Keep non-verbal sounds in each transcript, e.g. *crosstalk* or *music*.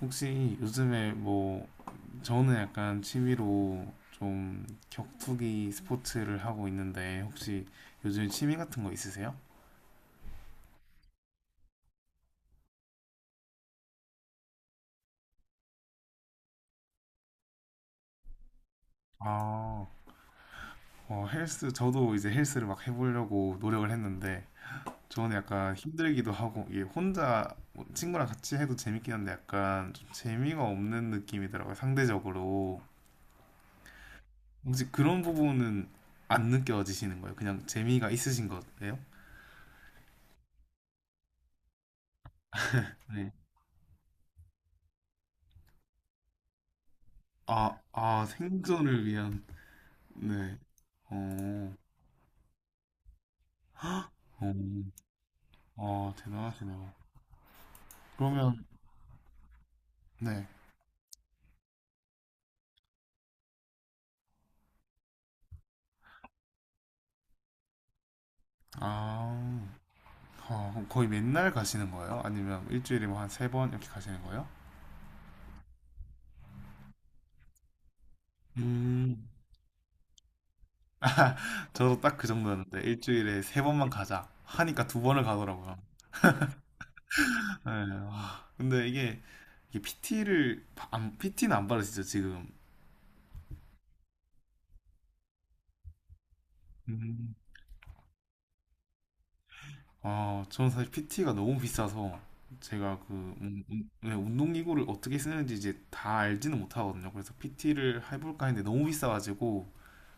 혹시 요즘에 뭐 저는 약간 취미로 좀 격투기 스포츠를 하고 있는데, 혹시 요즘 취미 같은 거 있으세요? 아, 헬스, 저도 이제 헬스를 막 해보려고 노력을 했는데 저는 약간 힘들기도 하고, 이게 혼자, 뭐, 친구랑 같이 해도 재밌긴 한데 약간 좀 재미가 없는 느낌이더라고요, 상대적으로. 혹시 그런 부분은 안 느껴지시는 거예요? 그냥 재미가 있으신 거예요? 네. 아, 아, 생존을 위한. 네. 어, 어, 아, 대단하시네요. 그러면, 네. 아, 그럼 거의 맨날 가시는 거예요? 아니면 일주일에 뭐 한 세 번 이렇게 가시는 거예요? 음. 저도 딱 그 정도였는데, 일주일에 세 번만 가자 하니까 두 번을 가더라고요. 네, 와. 근데 이게 PT를, 안, PT는 안 받으시죠, 지금? 아, 저는 사실 PT가 너무 비싸서, 제가 그 네, 운동기구를 어떻게 쓰는지 이제 다 알지는 못하거든요. 그래서 PT를 해볼까 했는데 너무 비싸가지고,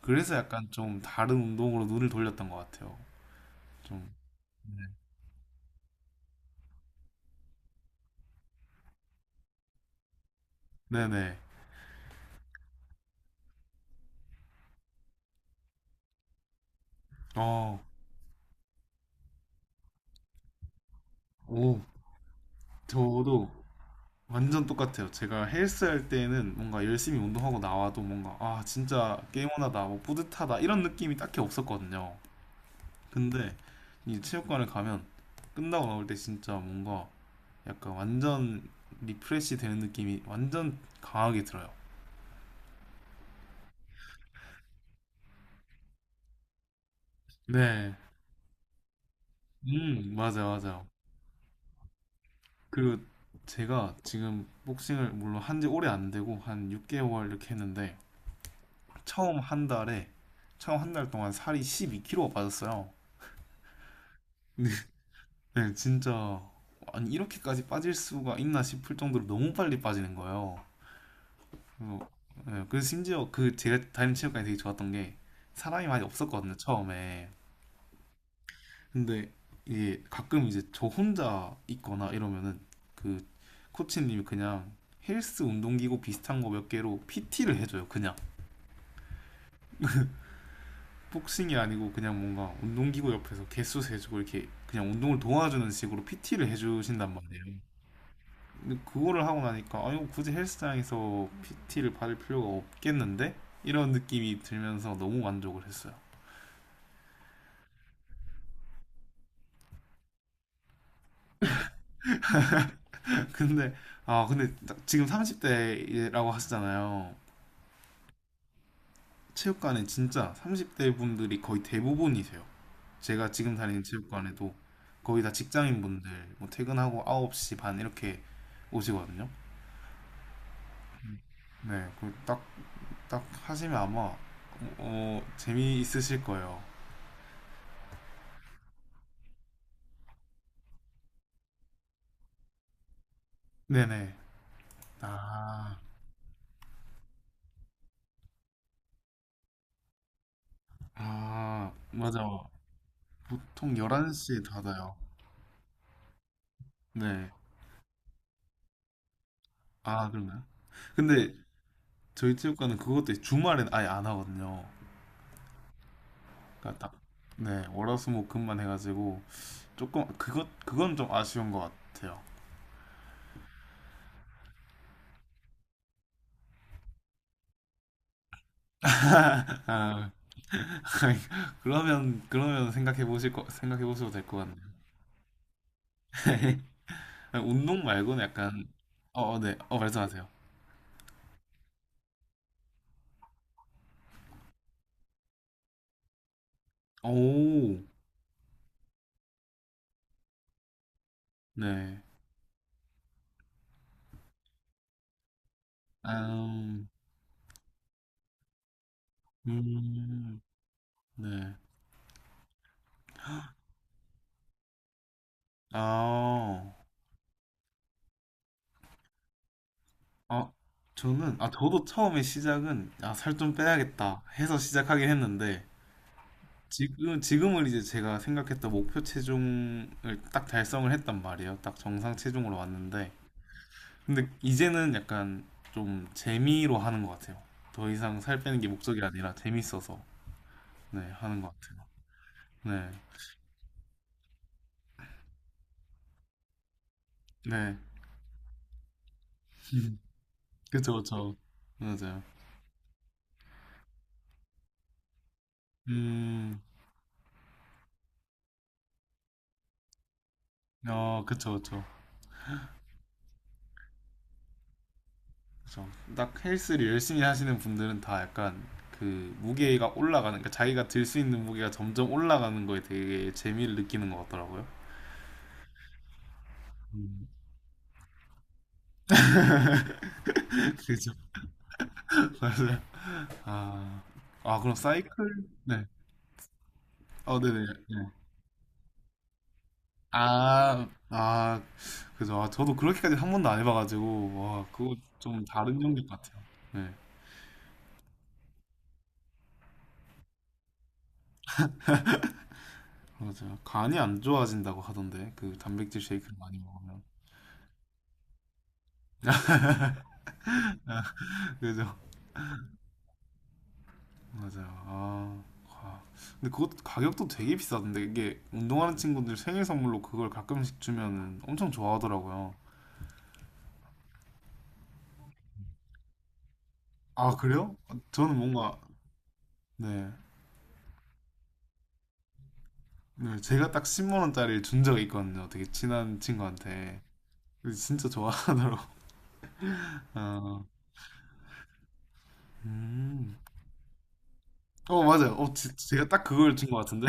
그래서 약간 좀 다른 운동으로 눈을 돌렸던 것 같아요. 좀. 네네. 어, 오, 저도 완전 똑같아요. 제가 헬스 할 때는 뭔가 열심히 운동하고 나와도 뭔가, 아, 진짜 게임원하다, 뭐 뿌듯하다, 이런 느낌이 딱히 없었거든요. 근데 이 체육관을 가면 끝나고 나올 때 진짜 뭔가 약간 완전 리프레시 되는 느낌이 완전 강하게 들어요. 네. 맞아, 맞아. 요. 그리고 제가 지금 복싱을 물론 한지 오래 안 되고 한 6개월 이렇게 했는데, 처음 한 달에 처음 한 달 동안 살이 12kg가 빠졌어요. 네, 네, 진짜, 아니 이렇게까지 빠질 수가 있나 싶을 정도로 너무 빨리 빠지는 거예요. 그래서, 네, 그래서 심지어 그 제가 다니는 체육관이 되게 좋았던 게 사람이 많이 없었거든요, 처음에. 근데 이게 가끔 이제 저 혼자 있거나 이러면은, 그 코치님이 그냥 헬스 운동기구 비슷한 거 몇 개로 PT를 해줘요. 그냥 복싱이 아니고 그냥 뭔가 운동기구 옆에서 개수 세주고 이렇게 그냥 운동을 도와주는 식으로 PT를 해주신단 말이에요. 근데 그거를 하고 나니까, 아, 이거 굳이 헬스장에서 PT를 받을 필요가 없겠는데? 이런 느낌이 들면서 너무 만족을 했어요. *laughs* 근데 근데 지금 30대라고 하시잖아요. 체육관에 진짜 30대 분들이 거의 대부분이세요. 제가 지금 다니는 체육관에도 거의 다 직장인 분들 뭐 퇴근하고 9시 반 이렇게 오시거든요. 네, 그 딱 하시면 아마 재미있으실 거예요. 네네. 아, 아, 맞아. 보통 11시에 닫아요. 네. 아, 그러나요? 근데 저희 체육관은 그것도 주말엔 아예 안 하거든요. 그러니까 딱, 네, 월화수목금만 해가지고 조금 그것 그건 좀 아쉬운 것 같아요. *laughs* 아, *laughs* 그러면 생각해 보실 거 생각해 보셔도 될 것 같네요. *laughs* 아니, 운동 말고는 약간 네. 말씀하세요. 오, 네. 아, 음, 네. 아, 아, 저도 처음에 시작은, 아, 살 좀 빼야겠다 해서 시작하긴 했는데, 지금은 이제 제가 생각했던 목표 체중을 딱 달성을 했단 말이에요. 딱 정상 체중으로 왔는데, 근데 이제는 약간 좀 재미로 하는 것 같아요. 더 이상 살 빼는 게 목적이 아니라 재밌어서. 네, 하는 것 같아요. 네, 네, 그쵸, 그쵸, 맞아요. 음, 어, 그쵸, 그쵸, 그쵸. 딱 헬스를 열심히 하시는 분들은 다 약간 그 무게가 올라가는, 그러니까 자기가 들 수 있는 무게가 점점 올라가는 거에 되게 재미를 느끼는 것 같더라고요. 음, *laughs* 그죠, 맞아요. 아, 아, 그럼 사이클? 네, 어, 네네, 네. 아, 아, 그죠. 아, 저도 그렇게까지 한 번도 안 해봐가지고, 와, 그거 좀 다른 영역 같아요. 네, 맞아요. 간이 안 좋아진다고 하던데 그 단백질 쉐이크를 많이 먹으면. *laughs* 그죠? 맞아요. 아, 와. 근데 그것도 가격도 되게 비싸던데, 이게 운동하는 친구들 생일 선물로 그걸 가끔씩 주면 엄청 좋아하더라고요. 아, 그래요? 저는 뭔가, 네, 네, 제가 딱 10만 원짜리를 준 적이 있거든요. 되게 친한 친구한테. 근데 진짜 좋아하더라고. 아, 음. 어, 맞아요. 어, 제가 딱 그걸 친 것 같은데.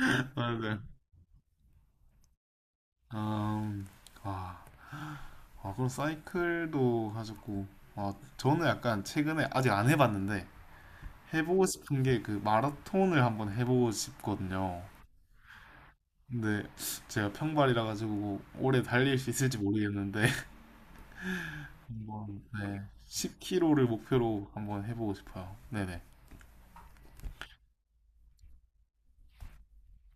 *laughs* 맞아요. 음, 아, 아, 그럼 사이클도 하셨고, 아, 저는 약간 최근에 아직 안 해봤는데, 해보고 싶은 게 그 마라톤을 한번 해보고 싶거든요. 근데 제가 평발이라 가지고 뭐 오래 달릴 수 있을지 모르겠는데, *laughs* 한번, 네, 10km를 목표로 한번 해보고 싶어요. 네네.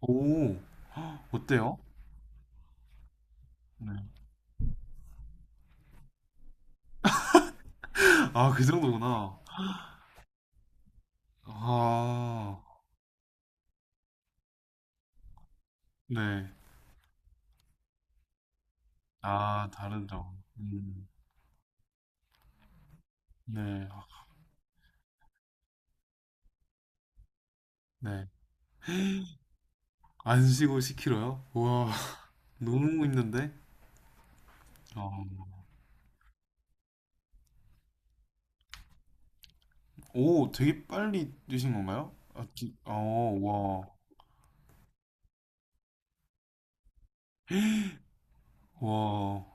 오, 어때요? 네. 아, 그 정도구나. 아, 네. 아, 다른 점. 네, 아, 네. 안 쉬고 10kg요? 우와, *laughs* 너무 있는데? 어, 오, 되게 빨리 뛰신 건가요? 아, 어, 와, 와,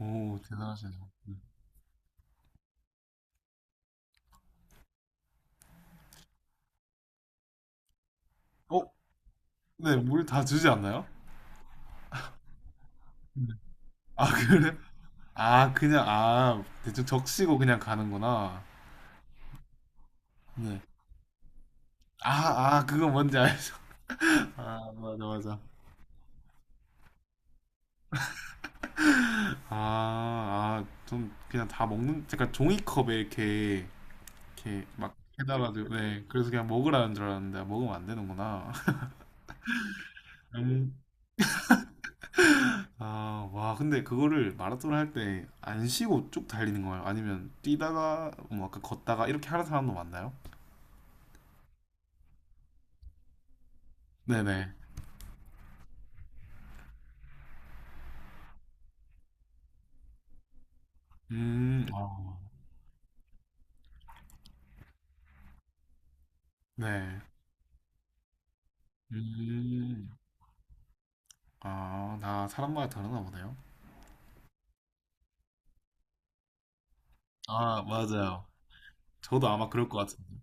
오, 대단하시네요. 네. 어, 네, 물 다 주지 않나요? 네. 아, *laughs* 그래? 아, 그냥, 아, 대충 적시고 그냥 가는구나. 네. 아, 아, 그거 뭔지 알죠? *laughs* 아, 맞아, 맞아. 아, 아, 좀 그냥 다 먹는, 약간 종이컵에 이렇게 막 해달라도. 네, 그래서 그냥 먹으라는 줄 알았는데 아, 먹으면 안 되는구나. *laughs* 음아와, 근데 그거를 마라톤 할 때 안 쉬고 쭉 달리는 거예요? 아니면 뛰다가 뭐 아까 걷다가 이렇게 하는 사람도 많나요? 네네. 음아네음아나 사람마다 다르나 보네요. 아, 맞아요. 저도 아마 그럴 것 같은데.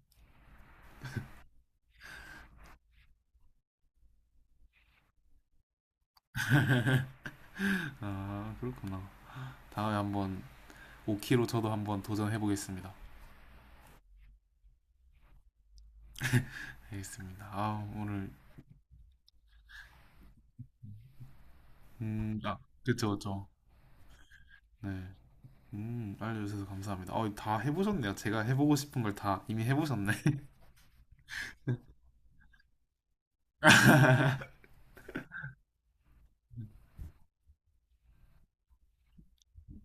아, 그렇구나. 다음에 한번 5km 저도 한번 도전해 보겠습니다. 알겠습니다. 아, 오늘. 음아. 그쵸, 그쵸. 네. 알려주셔서 감사합니다. 다 해보셨네요. 제가 해보고 싶은 걸 다 이미 해보셨네.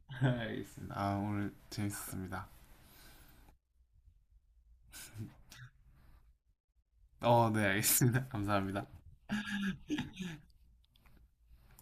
*laughs* 알겠습니다. 아, 오늘 재밌었습니다. 네, 알겠습니다. *laughs* 감사합니다.